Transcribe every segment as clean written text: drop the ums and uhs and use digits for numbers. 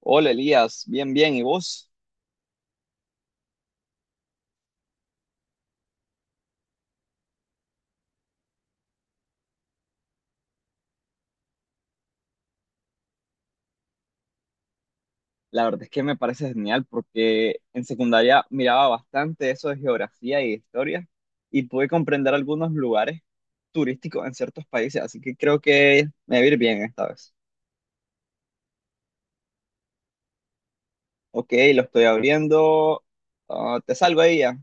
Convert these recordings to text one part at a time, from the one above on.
Hola Elías, bien, bien. ¿Y vos? La verdad es que me parece genial porque en secundaria miraba bastante eso de geografía y de historia y pude comprender algunos lugares turísticos en ciertos países, así que creo que me va a ir bien esta vez. Ok, lo estoy abriendo. Ah, te salgo ahí ya.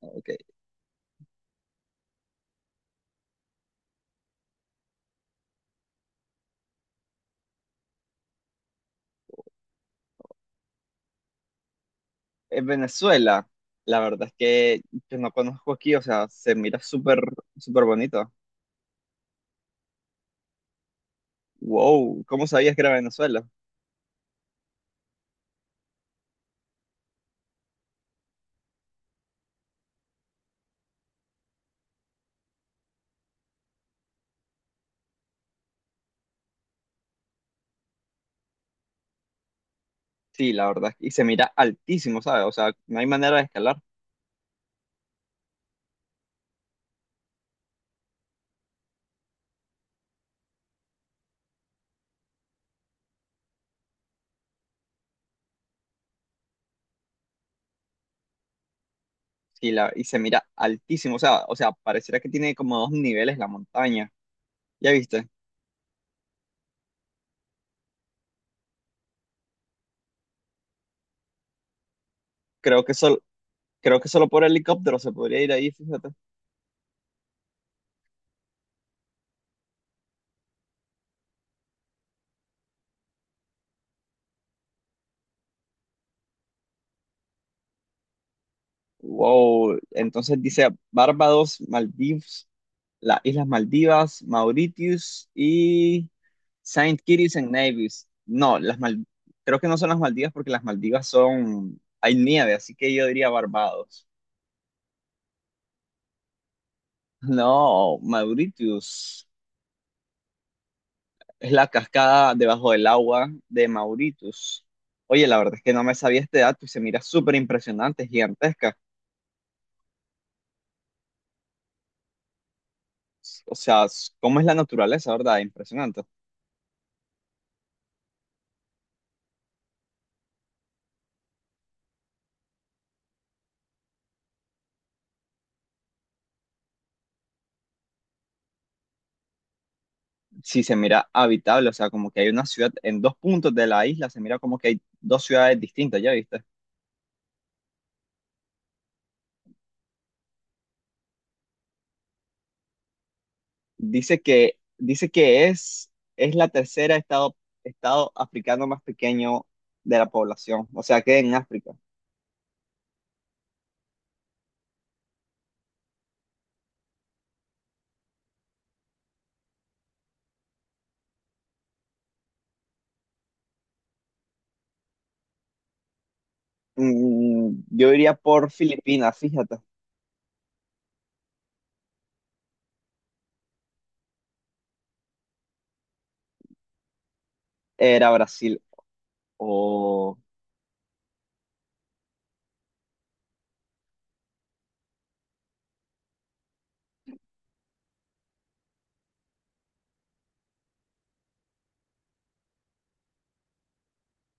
Ok. En Venezuela, la verdad es que yo no conozco aquí, o sea, se mira súper, súper bonito. Wow, ¿cómo sabías que era Venezuela? Sí, la verdad, y se mira altísimo, ¿sabes? O sea, no hay manera de escalar. Y se mira altísimo, o sea, pareciera que tiene como dos niveles la montaña. ¿Ya viste? Creo que solo, Creo que solo por helicóptero se podría ir ahí, fíjate. Wow, entonces dice Barbados, Maldivas, las Islas Maldivas, Mauritius y Saint Kitts and Nevis. No, las Mal- creo que no son las Maldivas porque las Maldivas son, hay nieve, así que yo diría Barbados. No, Mauritius. Es la cascada debajo del agua de Mauritius. Oye, la verdad es que no me sabía este dato y se mira súper impresionante, gigantesca. O sea, s- ¿cómo es la naturaleza, verdad? Impresionante. Sí, se mira habitable, o sea, como que hay una ciudad en dos puntos de la isla, se mira como que hay dos ciudades distintas, ¿ya viste? Dice que es la tercera estado, estado africano más pequeño de la población, o sea, que en África. Mm, yo iría por Filipinas, fíjate. Era Brasil. O,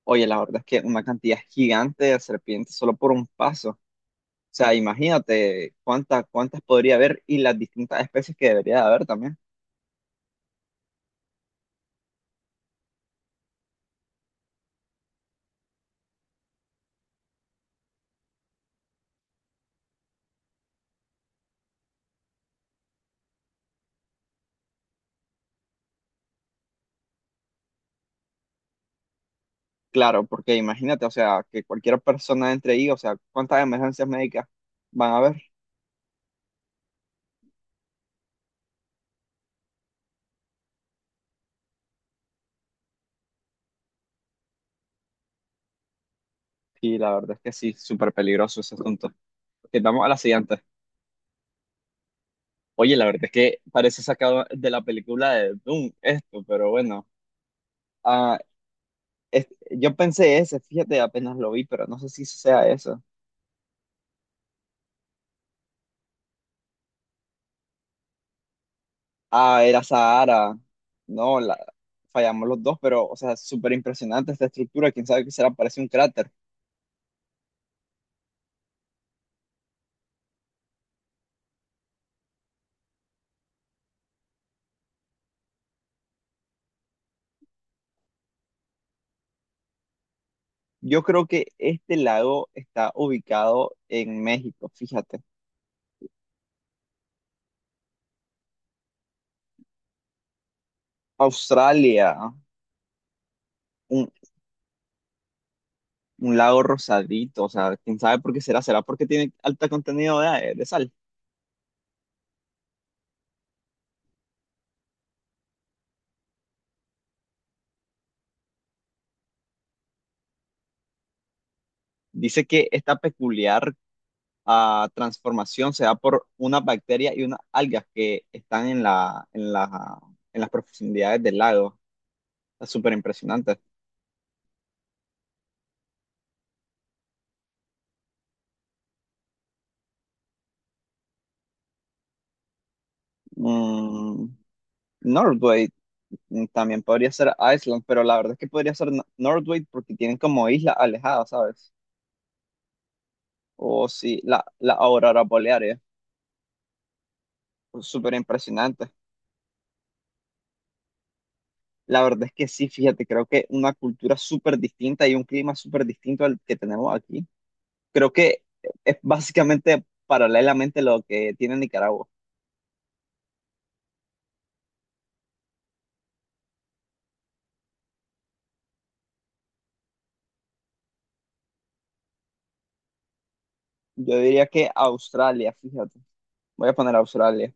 oye, la verdad es que una cantidad gigante de serpientes solo por un paso. O sea, imagínate cuántas podría haber y las distintas especies que debería de haber también. Claro, porque imagínate, o sea, que cualquier persona entre ahí, o sea, cuántas emergencias médicas van a haber. Y la verdad es que sí, súper peligroso ese asunto. Ok, vamos a la siguiente. Oye, la verdad es que parece sacado de la película de Doom esto, pero bueno. Ah, es- yo pensé ese, fíjate, apenas lo vi, pero no sé si sea eso. Ah, era Sahara. No, la, fallamos los dos, pero, o sea, súper impresionante esta estructura. Quién sabe qué será, parece un cráter. Yo creo que este lago está ubicado en México, fíjate. Australia, un, un lago rosadito, o sea, quién sabe por qué será. ¿Será porque tiene alto contenido de sal? Dice que esta peculiar transformación se da por una bacteria y unas algas que están en las profundidades del lago. Está súper impresionante. Mm, Northgate mm, también podría ser Iceland, pero la verdad es que podría ser Nor- Northgate porque tienen como islas alejadas, ¿sabes? O sí, la aurora boreal, súper impresionante. La verdad es que sí, fíjate, creo que una cultura súper distinta y un clima súper distinto al que tenemos aquí. Creo que es básicamente paralelamente lo que tiene Nicaragua. Yo diría que Australia, fíjate. Voy a poner Australia.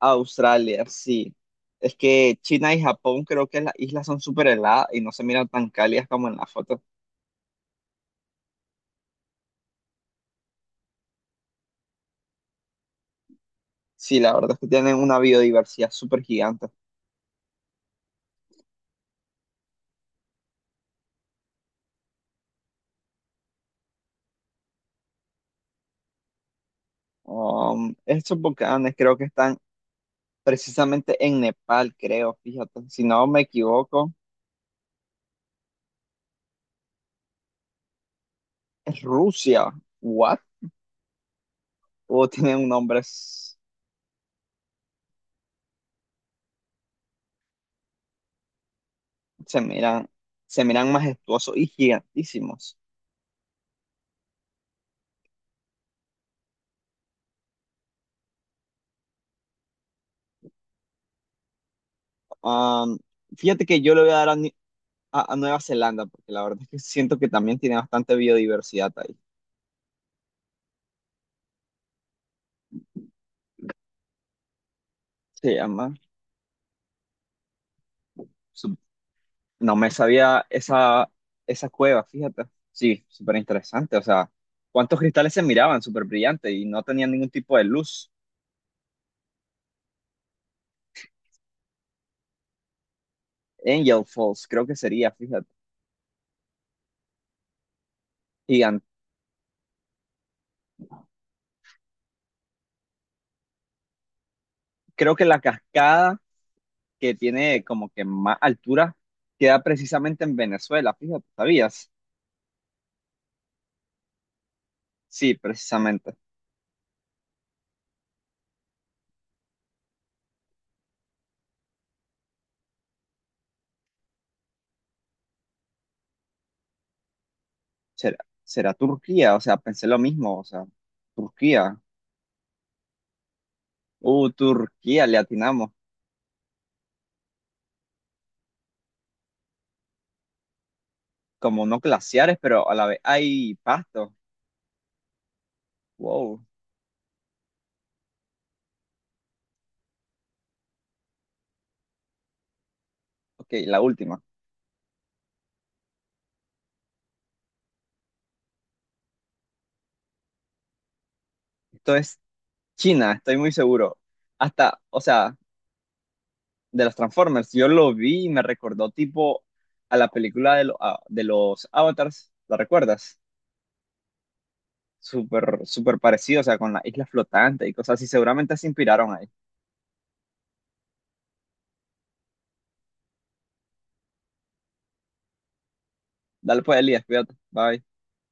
Australia, sí. Es que China y Japón creo que las islas son súper heladas y no se miran tan cálidas como en la foto. Sí, la verdad es que tienen una biodiversidad súper gigante. Estos volcanes creo que están precisamente en Nepal, creo, fíjate. Si no me equivoco, es Rusia. ¿What? O tienen un nombre, s- se miran, se miran majestuosos y gigantísimos. Um, Fíjate que yo le voy a dar a Nueva Zelanda, porque la verdad es que siento que también tiene bastante biodiversidad ahí. Se llama. Sup- No me sabía esa cueva, fíjate. Sí, súper interesante. O sea, ¿cuántos cristales se miraban? Súper brillante y no tenían ningún tipo de luz. Angel Falls, creo que sería, fíjate. Gigan- Creo que la cascada que tiene como que más altura queda precisamente en Venezuela, fíjate, ¿sabías? Sí, precisamente. ¿Será, ¿Será Turquía? O sea, pensé lo mismo, o sea, Turquía. Turquía, le atinamos. Como no glaciares, pero a la vez hay pasto. Wow. Ok, la última. Esto es China, estoy muy seguro. Hasta, o sea, de los Transformers, yo lo vi y me recordó tipo a la película de, lo- a- de los Avatars, ¿la recuerdas? Súper, súper parecido, o sea, con la isla flotante y cosas así. Seguramente se inspiraron ahí. Dale pues, Elías, cuídate. Bye.